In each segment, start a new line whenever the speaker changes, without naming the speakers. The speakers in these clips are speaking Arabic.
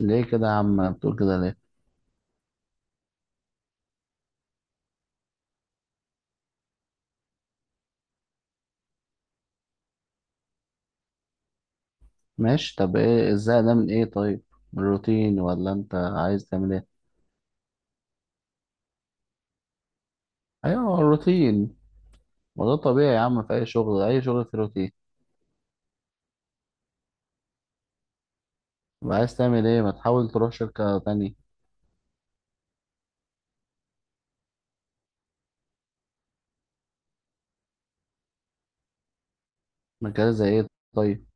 ليه كده يا عم؟ بتقول كده ليه؟ ماشي، طب ايه الزهق ده من ايه؟ طيب، من الروتين ولا انت عايز تعمل ايه؟ ايوه هو الروتين. وده طبيعي يا عم، في اي شغل، اي شغل في روتين. يبقى عايز تعمل ايه؟ ما تحاول تروح شركة تانية. مجال زي ايه؟ طيب.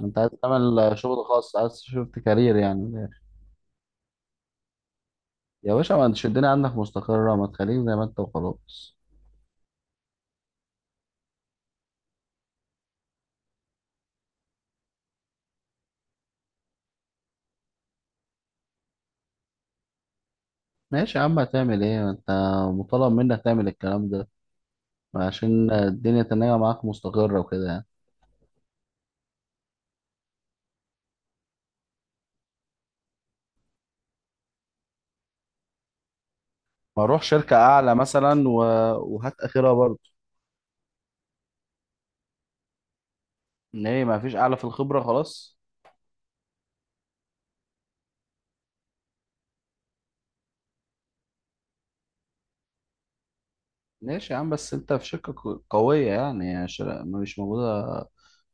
انت عايز تعمل شغل خاص، عايز شفت كارير يعني؟ يا باشا ما تشدني، الدنيا عندك مستقرة، ما تخليك زي ما انت وخلاص. ماشي يا عم هتعمل ايه؟ ما انت مطالب منك تعمل الكلام ده عشان الدنيا تنجح معاك مستقرة وكده يعني. ما اروح شركة اعلى مثلا و... وهات اخرها برضه. ان هي ما فيش اعلى في الخبرة خلاص. ماشي يا عم، بس انت في شركة قوية يعني مش موجودة،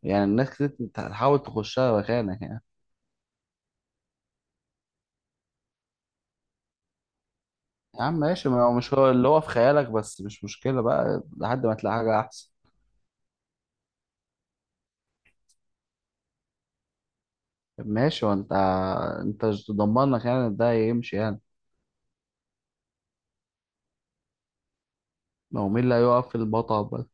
يعني الناس كتير تحاول تخشها مكانك يعني. يا عم ماشي، ما هو مش هو اللي هو في خيالك، بس مش مشكلة بقى لحد ما تلاقي حاجة احسن. طب ماشي وانت، انت مش ضمنك يعني إن ده يمشي يعني؟ ما هو مين اللي هيقف في المطب؟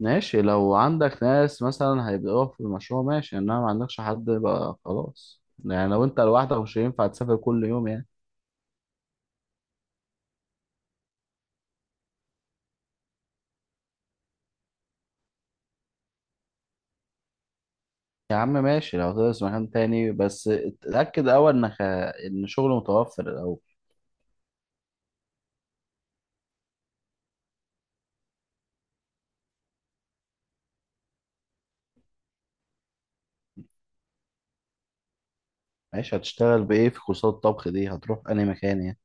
ماشي، لو عندك ناس مثلا هيبدأوا في المشروع ماشي، انما ما عندكش حد بقى خلاص يعني، لو انت لوحدك مش هينفع تسافر كل يوم يعني. يا عم ماشي لو تدرس مكان تاني، بس اتأكد اول انك ان شغل متوفر الاول. ماشي هتشتغل بايه في كورسات الطبخ دي؟ هتروح انهي مكان يعني؟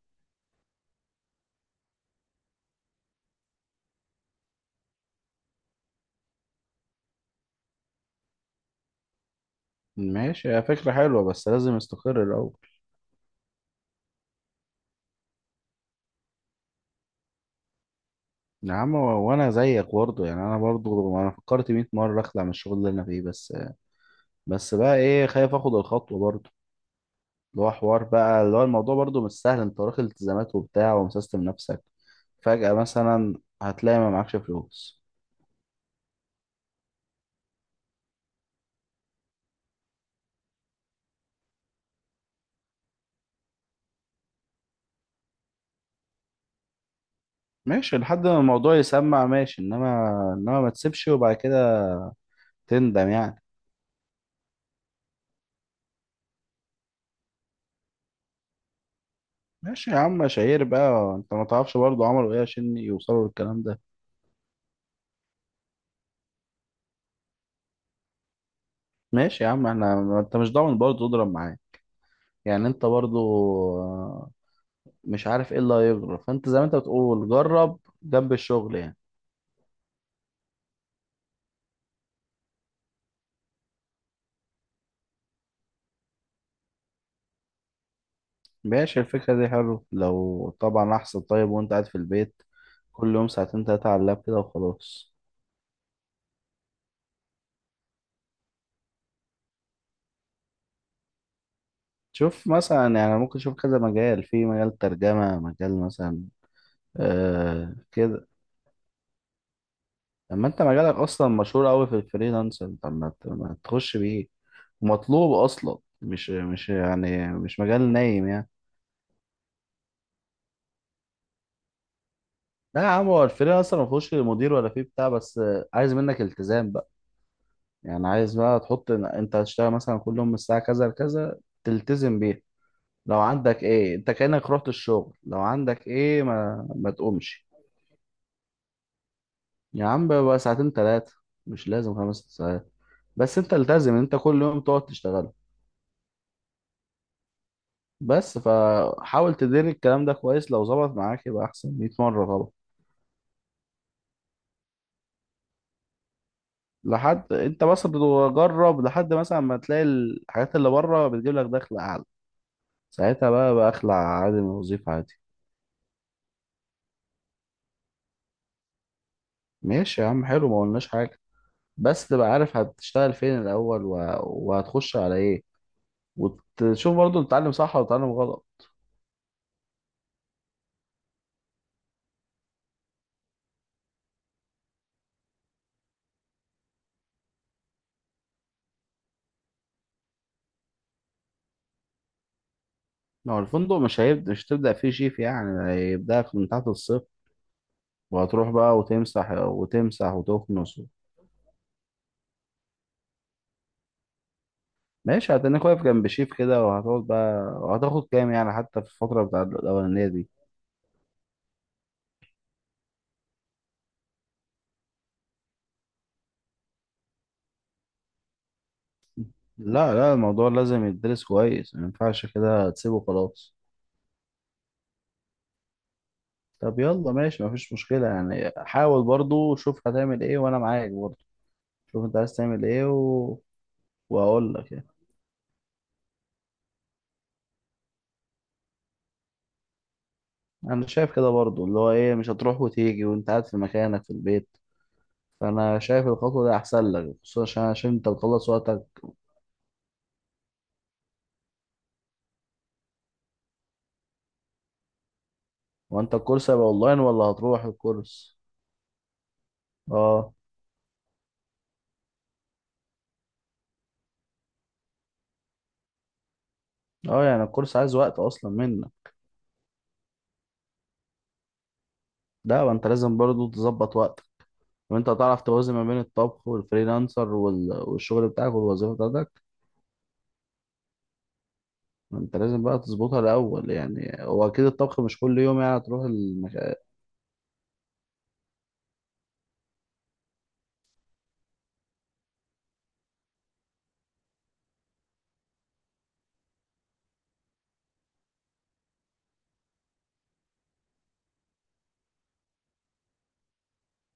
ماشي، هي فكرة حلوة بس لازم استقر الأول. يا عم و- وأنا زيك برضه يعني، أنا برضه فكرت 100 مرة أخلع من الشغل اللي أنا فيه، بس بقى إيه، خايف آخد الخطوة برضه. اللي هو حوار بقى، اللي هو الموضوع برضو مش سهل، انت وراك التزامات وبتاع ومسيستم نفسك فجأة مثلا، هتلاقي ما معكش فلوس. ماشي لحد ما الموضوع يسمع ماشي، انما ما تسيبش وبعد كده تندم يعني. ماشي يا عم شهير بقى، انت ما تعرفش برضو عملوا ايه عشان يوصلوا للكلام ده. ماشي يا عم احنا، ما انت مش ضامن برضو تضرب معاه، يعني انت برضو آه، مش عارف ايه اللي هيجرى، فانت زي ما انت بتقول جرب جنب الشغل يعني. ماشي الفكرة دي حلو لو طبعا، أحسن، طيب وأنت قاعد في البيت كل يوم ساعتين تلاتة على اللاب كده وخلاص. شوف مثلا يعني، ممكن تشوف كذا مجال، في مجال ترجمة، مجال مثلا. آه كده. أما أنت مجالك أصلا مشهور أوي في الفريلانسر، طب ما ما تخش بيه. ومطلوب أصلا، مش يعني مش مجال نايم يعني. لا يا عم، هو الفريلانسر ما فيهوش مدير ولا فيه بتاع، بس عايز منك التزام بقى. يعني عايز بقى تحط إن أنت هتشتغل مثلا كل يوم من الساعة كذا لكذا تلتزم بيها. لو عندك ايه انت كأنك رحت الشغل، لو عندك ايه ما تقومش. يا عم بقى ساعتين ثلاثة، مش لازم خمس ست ساعات. بس انت التزم ان انت كل يوم تقعد تشتغل. بس فحاول تدير الكلام ده كويس، لو ظبط معاك يبقى احسن 100 مرة طبعا. لحد انت بس بتجرب لحد مثلا ما تلاقي الحاجات اللي بره بتجيب لك دخل اعلى، ساعتها بقى اخلع عادي من الوظيفة عادي. ماشي يا عم حلو، ما قلناش حاجة. بس تبقى عارف هتشتغل فين الاول و... وهتخش على ايه، وتشوف برضه بتتعلم صح ولا بتتعلم غلط. ما هو الفندق مش هيبدأ، مش هتبدأ فيه شيف يعني، هيبدأك من تحت الصفر وهتروح بقى وتمسح وتمسح وتكنس. ماشي هتنك واقف جنب شيف كده، وهتقعد بقى وهتاخد كام يعني حتى في الفترة بتاع الأولانية دي. لا لا، الموضوع لازم يدرس كويس، ما ينفعش كده تسيبه خلاص. طب يلا ماشي، مفيش مشكلة يعني، حاول برضه شوف هتعمل ايه وانا معاك برضه. شوف انت عايز تعمل ايه و... وهقول لك يعني. انا شايف كده برضو اللي هو ايه، مش هتروح وتيجي وانت قاعد في مكانك في البيت، فانا شايف الخطوه دي احسن لك، خصوصا عشان انت تخلص وقتك. وانت الكورس هيبقى اونلاين ولا هتروح الكورس؟ اه. اه يعني الكورس عايز وقت اصلا منك، ده وانت لازم برضو تظبط وقتك. وانت هتعرف توازن ما بين الطبخ والفريلانسر وال... والشغل بتاعك والوظيفه بتاعتك؟ انت لازم بقى تظبطها الاول، يعني هو اكيد الطبخ مش كل يوم يعني هتروح.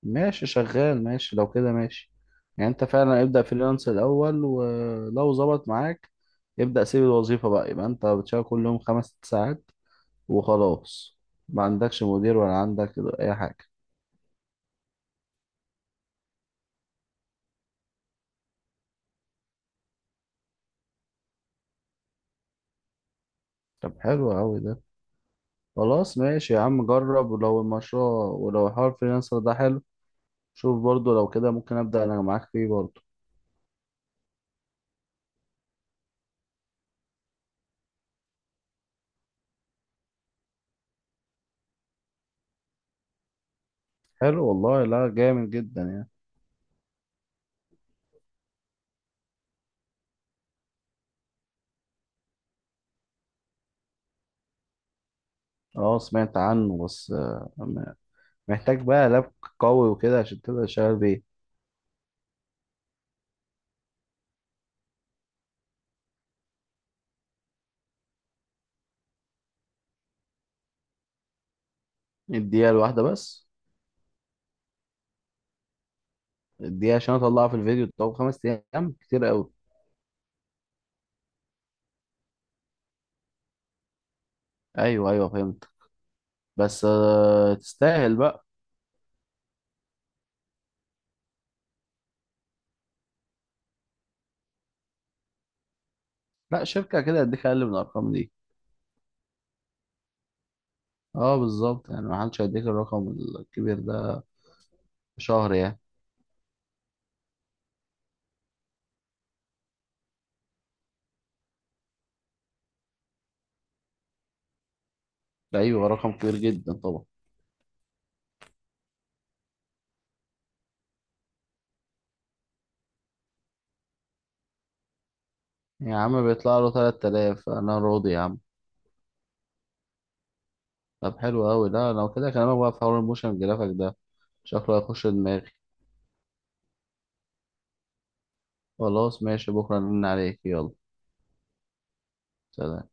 ماشي شغال ماشي، لو كده ماشي. يعني انت فعلا ابدأ فريلانس الأول، ولو ظبط معاك ابدأ سيب الوظيفة بقى، يبقى انت بتشتغل كل يوم خمس ست ساعات وخلاص. ما عندكش مدير ولا عندك أي حاجة. طب حلو أوي ده. خلاص ماشي يا عم جرب، ولو المشروع، ولو حوار فريلانسر ده حلو. شوف برضو لو كده ممكن أبدأ أنا معاك فيه برضو. حلو والله، لا جامد جدا يعني. اه سمعت عنه بس محتاج بقى لاب قوي وكده عشان تبدأ تشتغل بيه. الدقيقة الواحدة بس؟ الدقيقة عشان أطلعها في الفيديو؟ طب خمس أيام كتير أوي. أيوه أيوه فهمت. بس آه تستاهل بقى. لا شركة كده هديك أقل من الأرقام دي. أه بالظبط، يعني محدش هيديك الرقم الكبير ده في شهر يعني. ده أيوه رقم كبير جدا طبعا. يا عم بيطلع له 3000، أنا راضي يا عم. طب حلو أوي، لا لو كده كلامك بقى في حوار الموشن جرافيك ده، شكله هيخش دماغي. خلاص ماشي، بكرة نرن عليك، يلا. سلام.